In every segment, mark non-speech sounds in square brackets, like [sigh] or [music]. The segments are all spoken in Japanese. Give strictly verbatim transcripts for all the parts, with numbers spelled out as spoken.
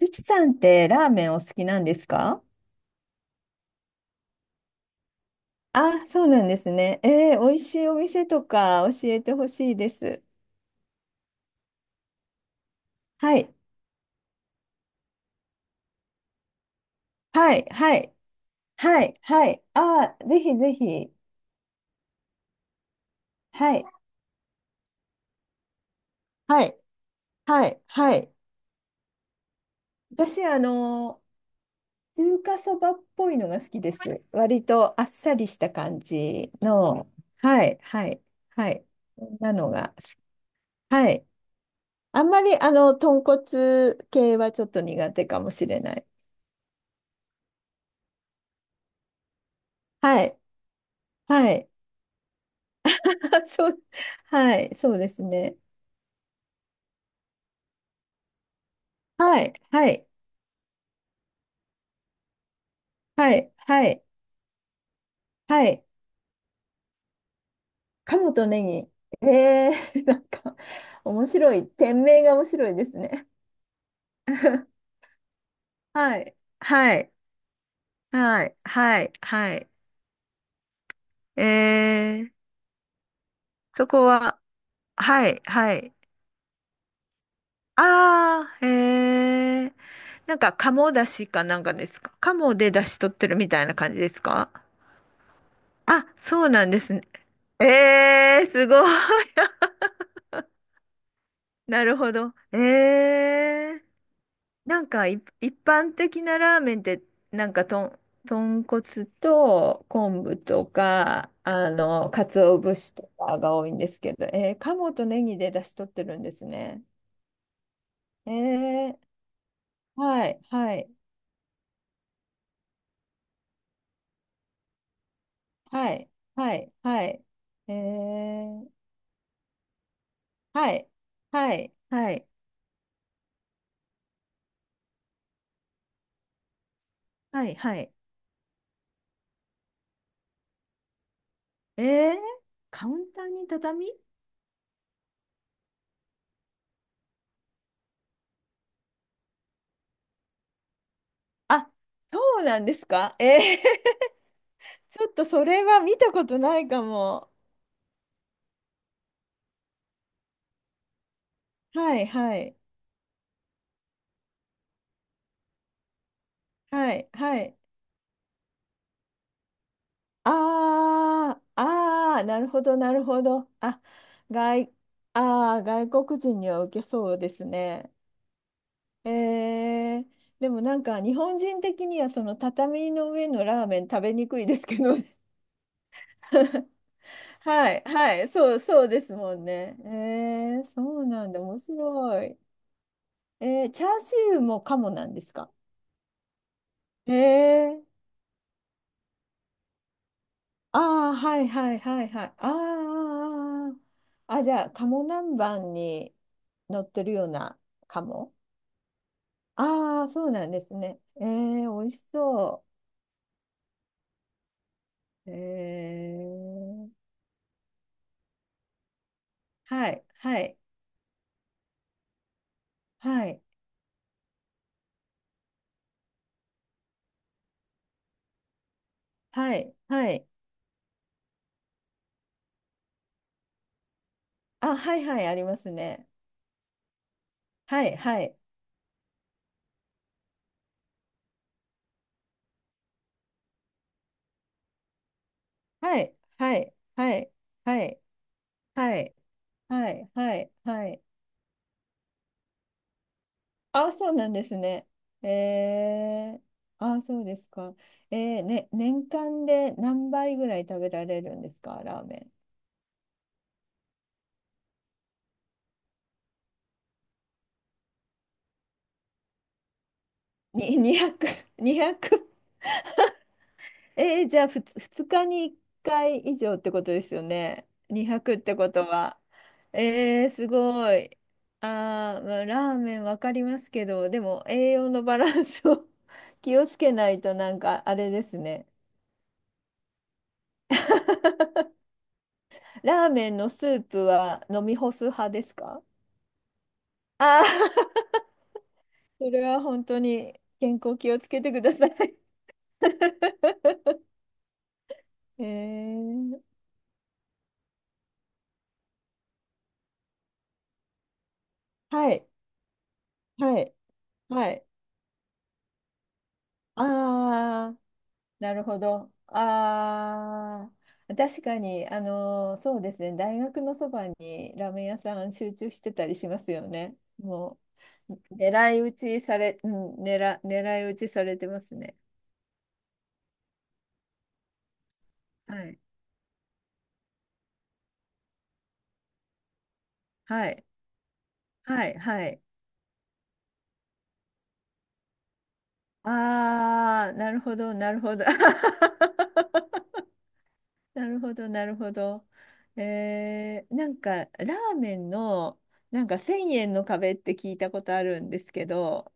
ゆきさんってラーメンお好きなんですか？あ、そうなんですね。えー、美味しいお店とか教えてほしいです。はい、はい、はい、はい、はい。あー、ぜひぜひ。はい、はい、はい、はい。私、あの中華そばっぽいのが好きです。割とあっさりした感じの、はい、はい、はい。こんなのが好き。はい。あんまり、あの、豚骨系はちょっと苦手かもしれない。はい。はい。あそう、はい、そうですね。はい、はい、はい、はい、はい。鴨とネギ。えー、[laughs] なんか、面白い。店名が面白いですね。[laughs] はい、はい、はい、はい、はい。えー、そこは、はい、はい。あー、えー。なんか、鴨だしかなんかですか？鴨でだし取ってるみたいな感じですか？あ、そうなんですね。えー、すごい。なるほど。ええー。なんかい一般的なラーメンって、なんかとん、豚骨と昆布とかあの鰹節とかが多いんですけど、えー、鴨とネギで出汁取ってるんですね。えー、はいはいはいはいはい。えー、はいはいはいはいはい。えー、カウンターに畳。あ、そうなんですか？えー。ちょっとそれは見たことないかも。はいはいはいはい。あーあー、なるほどなるほど。あ、外、あー外国人には受けそうですね。えー、でもなんか日本人的にはその畳の上のラーメン食べにくいですけどね。[laughs] はいはいそうそうですもんね。えー、そうなんだ。面白い。えー、チャーシューもカモなんですか？えーああ、はいはいはいはい。ああ、ああ、あ、じゃあ、鴨南蛮に乗ってるような鴨。ああ、そうなんですね。えー、美味しそう。えー、はい、はい、はい、はい、はい。あ、はいはい、ありますね。はい、はい、はい、はい、はい、はい、はい、はい、はい、はい。あ、そうなんですね。えー、あ、そうですか。えー、ね、年間で何杯ぐらい食べられるんですか、ラーメン？に、にひゃく、[laughs] に ゼロ。えー、じゃあ、ふつ、ふつかにいっかい以上ってことですよね。にひゃくってことは。えー、すごい。あー、まあ、ラーメンわかりますけど、でも栄養のバランスを [laughs] 気をつけないとなんかあれですね。[laughs] ラーメンのスープは飲み干す派ですか？ああ、[laughs] それは本当に健康気をつけてください。[laughs] えー、はい、はい、はい。ああ、なるほど。ああ、確かに、あのーそうですね、大学のそばにラーメン屋さん集中してたりしますよね。もう、狙い撃ちされ、うん、狙、狙い撃ちされてますね。はい、はい、はい、はい。ああ、なるほど、なるほど。[laughs] なるほど、なるほど。えー、なんか、ラーメンの、なんかせんえんの壁って聞いたことあるんですけど、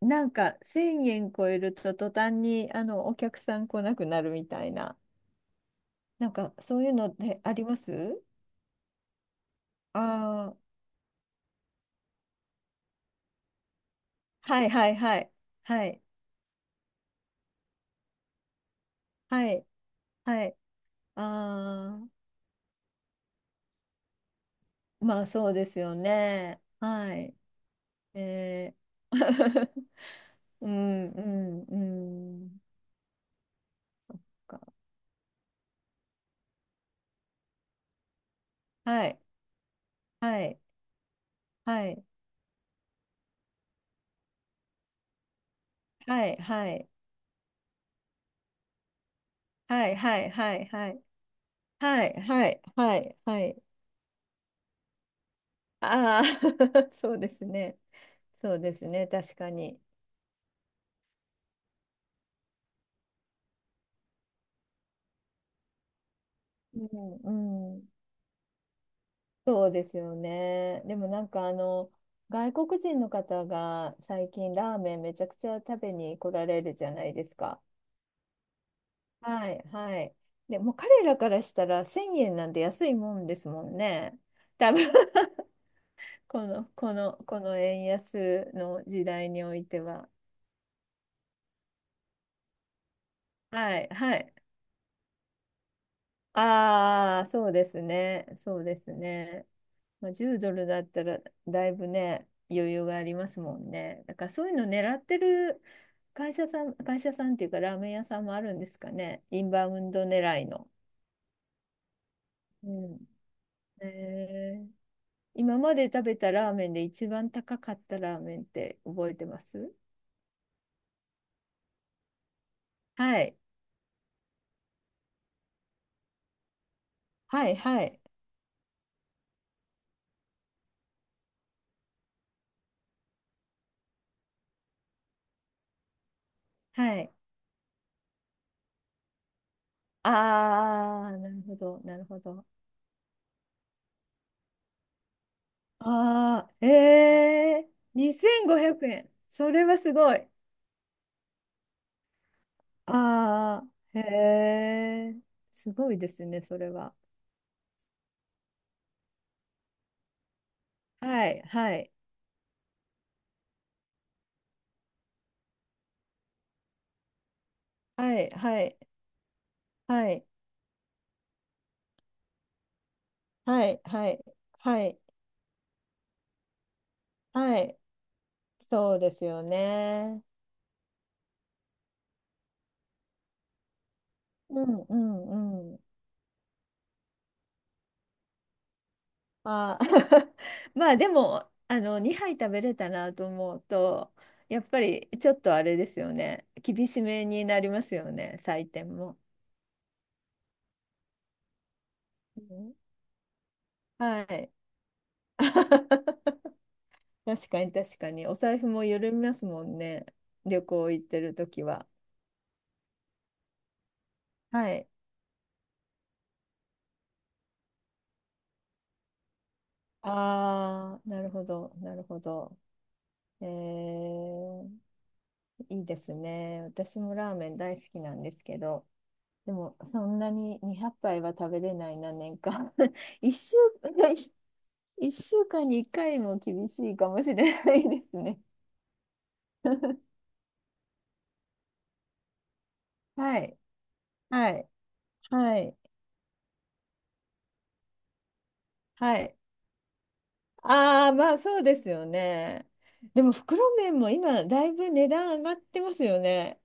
なんかせんえん超えると途端にあのお客さん来なくなるみたいな、なんかそういうのってあります？ああー、はいはいはい。はい。はい。はい。ああ、まあそうですよね。はい。えー [laughs] うんうんうん。はい、はい、はい、はい、はい、はい、はい、はい、はい、はい、はい、はい、はい。ああー、[laughs] そうですね。そうですね、確かに。うん、うん、そうですよね。でもなんかあの、外国人の方が最近ラーメンめちゃくちゃ食べに来られるじゃないですか。はい、はい。でもう彼らからしたらせんえんなんて安いもんですもんね。多分この、この、この円安の時代においては。はい、はい。ああ、そうですね。そうですね。まあ、じゅうドルだったらだいぶね、余裕がありますもんね。だからそういうの狙ってる会社さん、会社さんっていうかラーメン屋さんもあるんですかね。インバウンド狙いの。うん。えー今まで食べたラーメンで一番高かったラーメンって覚えてます？はい。はい、はい。はい。ああ、なるほど、なるほど。ああ、ええにせんごひゃくえん。それはすごい。ああ、へえ、すごいですね、それは。はい、はい、はい、はい、はい、はい、はい、はい、はい。そうですよね。うん、うん、あー [laughs] まあでもあのにはい食べれたなと思うとやっぱりちょっとあれですよね厳しめになりますよね採点も。うん、はい [laughs] 確かに確かにお財布も緩みますもんね旅行行ってる時は。はい。ああ、なるほどなるほど。えー、いいですね。私もラーメン大好きなんですけど。でも、そんなににひゃくはいは食べれないな、年間。[laughs] 一週、[laughs] 一週間にいっかいも厳しいかもしれないですね。はい、はい、はい、はい。ああ、まあそうですよね。でも、袋麺も今、だいぶ値段上がってますよね。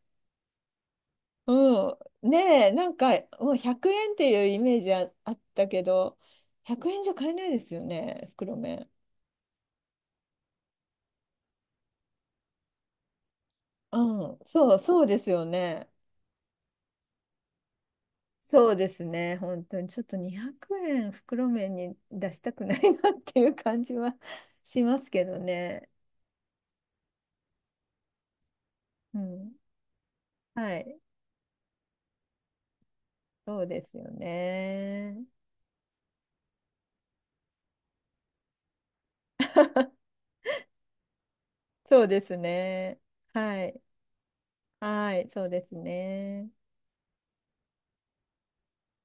うん。ねえ、なんか、もうひゃくえんっていうイメージあ、あったけど、ひゃくえんじゃ買えないですよね、袋麺。うん、そう、そうですよね。そうですね、本当にちょっとにひゃくえん袋麺に出したくないなっていう感じは [laughs] しますけどね。うん、はい、そうですよね。そうですね。はい、はい、そうですね。